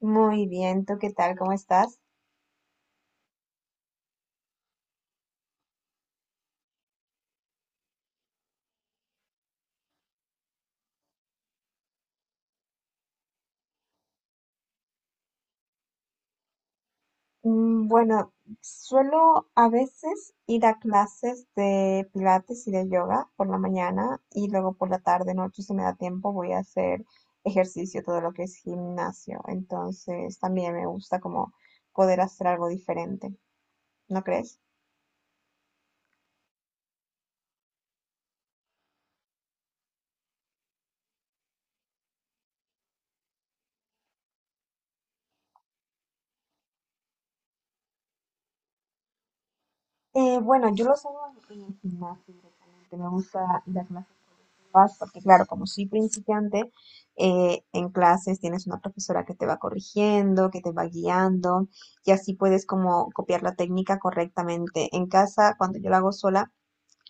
Muy bien, ¿tú qué tal? ¿Cómo estás? Bueno, suelo a veces ir a clases de pilates y de yoga por la mañana y luego por la tarde, noche, si me da tiempo, voy a hacer ejercicio, todo lo que es gimnasio. Entonces, también me gusta como poder hacer algo diferente, ¿no crees? Bueno, yo lo hago en el gimnasio directamente. Me gusta ir a clases papás, porque claro, como soy principiante, en clases tienes una profesora que te va corrigiendo, que te va guiando, y así puedes como copiar la técnica correctamente. En casa, cuando yo la hago sola,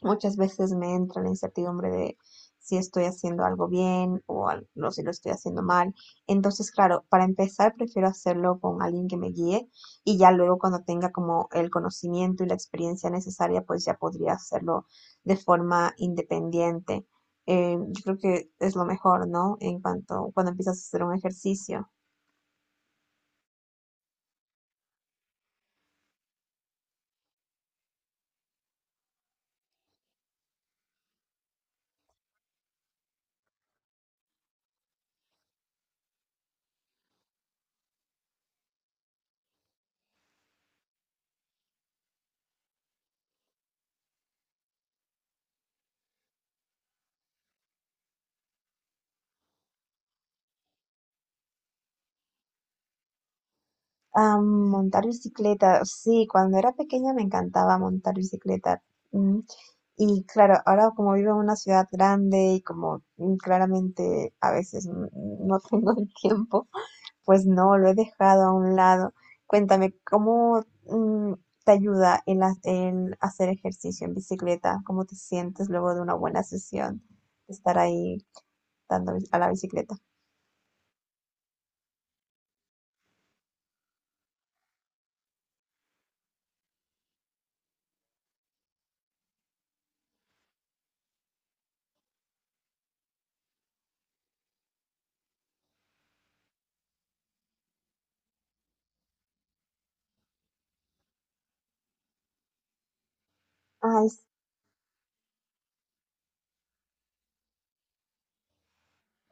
muchas veces me entra la incertidumbre de si estoy haciendo algo bien o no si lo estoy haciendo mal. Entonces, claro, para empezar prefiero hacerlo con alguien que me guíe y ya luego cuando tenga como el conocimiento y la experiencia necesaria, pues ya podría hacerlo de forma independiente. Yo creo que es lo mejor, ¿no? En cuanto cuando empiezas a hacer un ejercicio. Ah, montar bicicleta, sí, cuando era pequeña me encantaba montar bicicleta. Mm, Y claro, ahora como vivo en una ciudad grande y como claramente a veces no tengo el tiempo, pues no, lo he dejado a un lado. Cuéntame, ¿cómo te ayuda el hacer ejercicio en bicicleta? ¿Cómo te sientes luego de una buena sesión de estar ahí dando a la bicicleta? Ay,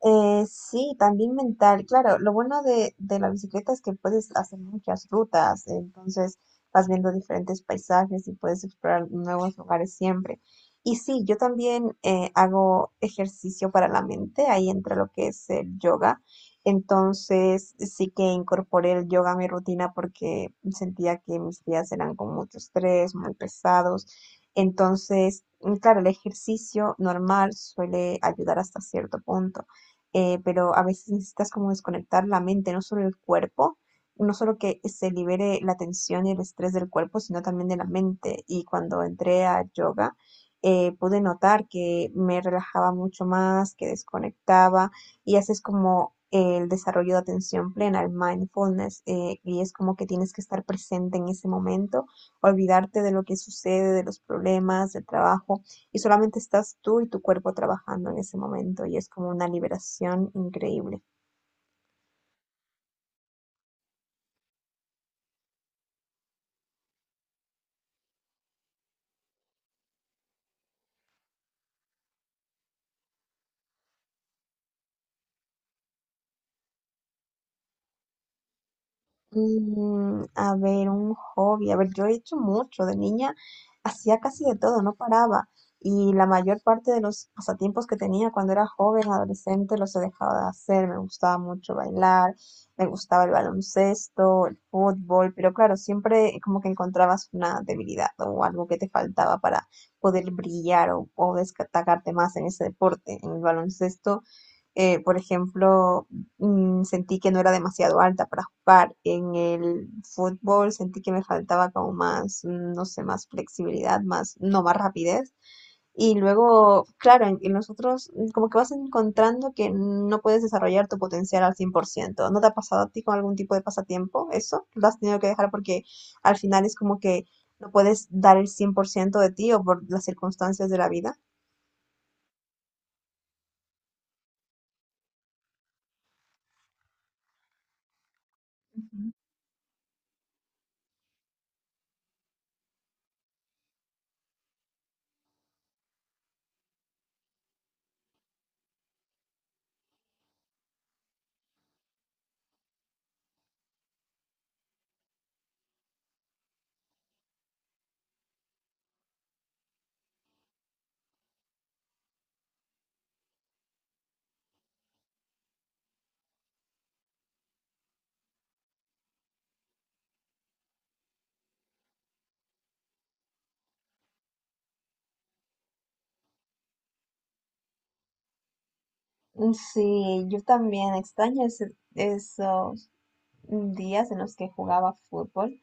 Sí, también mental, claro. Lo bueno de la bicicleta es que puedes hacer muchas rutas, entonces vas viendo diferentes paisajes y puedes explorar nuevos lugares siempre. Y sí, yo también hago ejercicio para la mente, ahí entra lo que es el yoga. Entonces sí que incorporé el yoga a mi rutina porque sentía que mis días eran con mucho estrés, muy pesados. Entonces, claro, el ejercicio normal suele ayudar hasta cierto punto, pero a veces necesitas como desconectar la mente, no solo el cuerpo, no solo que se libere la tensión y el estrés del cuerpo, sino también de la mente. Y cuando entré a yoga, pude notar que me relajaba mucho más, que desconectaba y haces como el desarrollo de atención plena, el mindfulness, y es como que tienes que estar presente en ese momento, olvidarte de lo que sucede, de los problemas, del trabajo y solamente estás tú y tu cuerpo trabajando en ese momento y es como una liberación increíble. A ver, un hobby. A ver, yo he hecho mucho. De niña hacía casi de todo, no paraba. Y la mayor parte de los pasatiempos que tenía cuando era joven, adolescente, los he dejado de hacer. Me gustaba mucho bailar, me gustaba el baloncesto, el fútbol, pero claro, siempre como que encontrabas una debilidad o algo que te faltaba para poder brillar o destacarte más en ese deporte. En el baloncesto, por ejemplo, sentí que no era demasiado alta para jugar. En el fútbol sentí que me faltaba como más, no sé, más flexibilidad, más, no, más rapidez. Y luego, claro, en los otros como que vas encontrando que no puedes desarrollar tu potencial al 100%. ¿No te ha pasado a ti con algún tipo de pasatiempo eso? ¿Lo has tenido que dejar porque al final es como que no puedes dar el 100% de ti o por las circunstancias de la vida? Sí, yo también extraño eso, días en los que jugaba fútbol.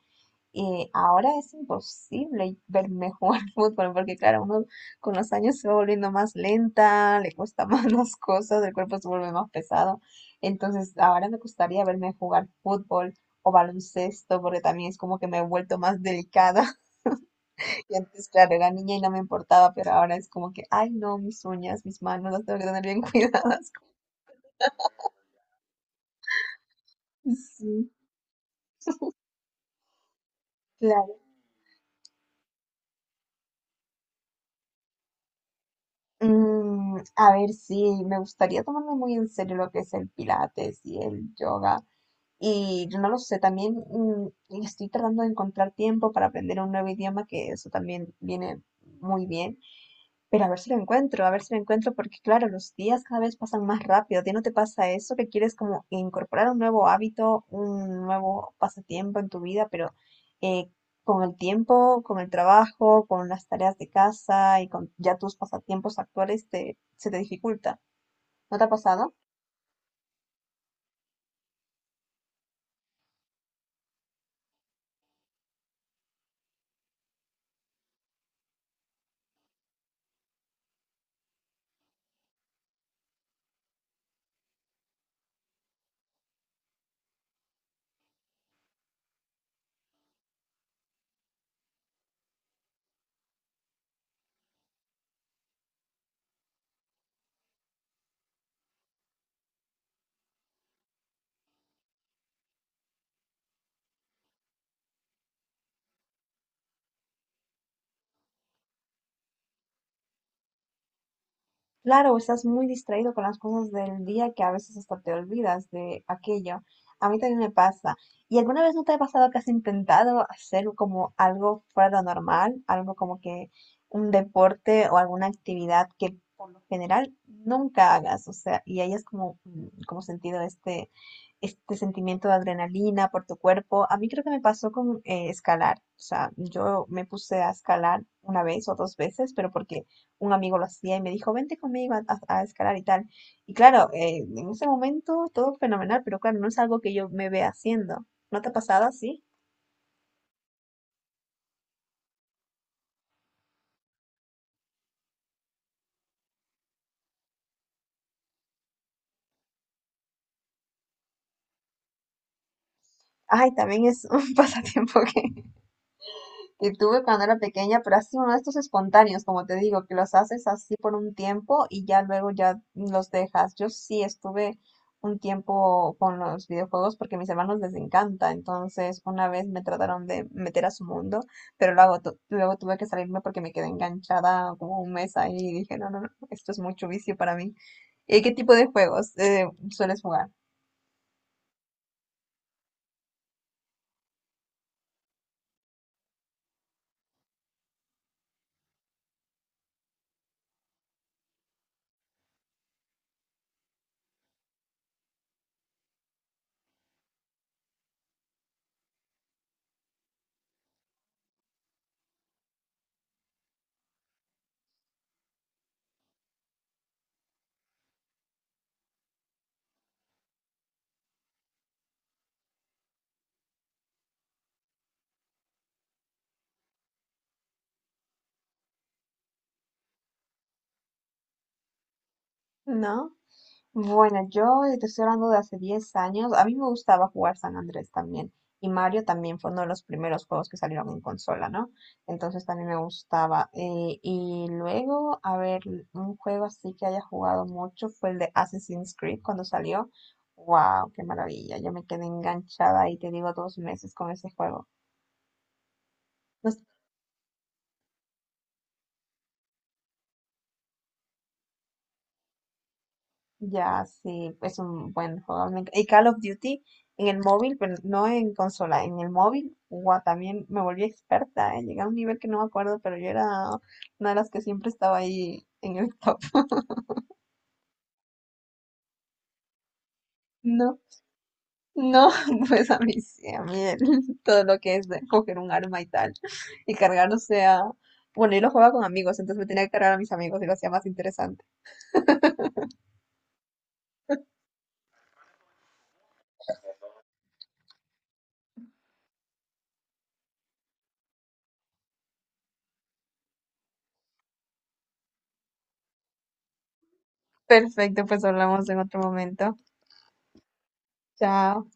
Y ahora es imposible verme jugar fútbol porque, claro, uno con los años se va volviendo más lenta, le cuesta más las cosas, el cuerpo se vuelve más pesado. Entonces, ahora me gustaría verme jugar fútbol o baloncesto porque también es como que me he vuelto más delicada. Y antes, claro, era niña y no me importaba, pero ahora es como que, ay, no, mis uñas, mis manos las tengo que tener bien cuidadas. Sí, claro. A ver, sí, me gustaría tomarme muy en serio lo que es el pilates y el yoga. Y yo no lo sé, también estoy tratando de encontrar tiempo para aprender un nuevo idioma, que eso también viene muy bien. Pero a ver si lo encuentro, a ver si lo encuentro, porque claro, los días cada vez pasan más rápido. ¿A ti no te pasa eso que quieres como incorporar un nuevo hábito, un nuevo pasatiempo en tu vida, pero eh, con el tiempo, con el trabajo, con las tareas de casa y con ya tus pasatiempos actuales se te dificulta? ¿No te ha pasado? Claro, estás muy distraído con las cosas del día que a veces hasta te olvidas de aquello. A mí también me pasa. ¿Y alguna vez no te ha pasado que has intentado hacer como algo fuera de lo normal, algo como que un deporte o alguna actividad que por lo general nunca hagas? O sea, y hayas como, como sentido este sentimiento de adrenalina por tu cuerpo. A mí creo que me pasó con escalar. O sea, yo me puse a escalar una vez o dos veces, pero porque un amigo lo hacía y me dijo, vente conmigo a escalar y tal. Y claro, en ese momento todo fenomenal, pero claro, no es algo que yo me vea haciendo. ¿No te ha pasado así? Ay, también es un pasatiempo que tuve cuando era pequeña, pero ha sido uno de estos espontáneos, como te digo, que los haces así por un tiempo y ya luego ya los dejas. Yo sí estuve un tiempo con los videojuegos porque a mis hermanos les encanta, entonces una vez me trataron de meter a su mundo, pero luego, luego tuve que salirme porque me quedé enganchada como un mes ahí y dije, no, no, no, esto es mucho vicio para mí. ¿Y qué tipo de juegos sueles jugar? ¿No? Bueno, yo te estoy hablando de hace 10 años. A mí me gustaba jugar San Andrés también. Y Mario también fue uno de los primeros juegos que salieron en consola, ¿no? Entonces también me gustaba. Y luego, a ver, un juego así que haya jugado mucho fue el de Assassin's Creed cuando salió. ¡Wow! ¡Qué maravilla! Yo me quedé enganchada y te digo, 2 meses con ese juego. No. Ya, sí, es un buen juego. Y Call of Duty en el móvil, pero no en consola, en el móvil, guau, también me volví experta, ¿eh? Llegué a un nivel que no me acuerdo, pero yo era una de las que siempre estaba ahí en el top. No, no, pues a mí sí, a mí todo lo que es de coger un arma y tal, y cargar, o sea, bueno, yo lo jugaba con amigos, entonces me tenía que cargar a mis amigos y lo hacía más interesante. Perfecto, pues hablamos en otro momento. Chao.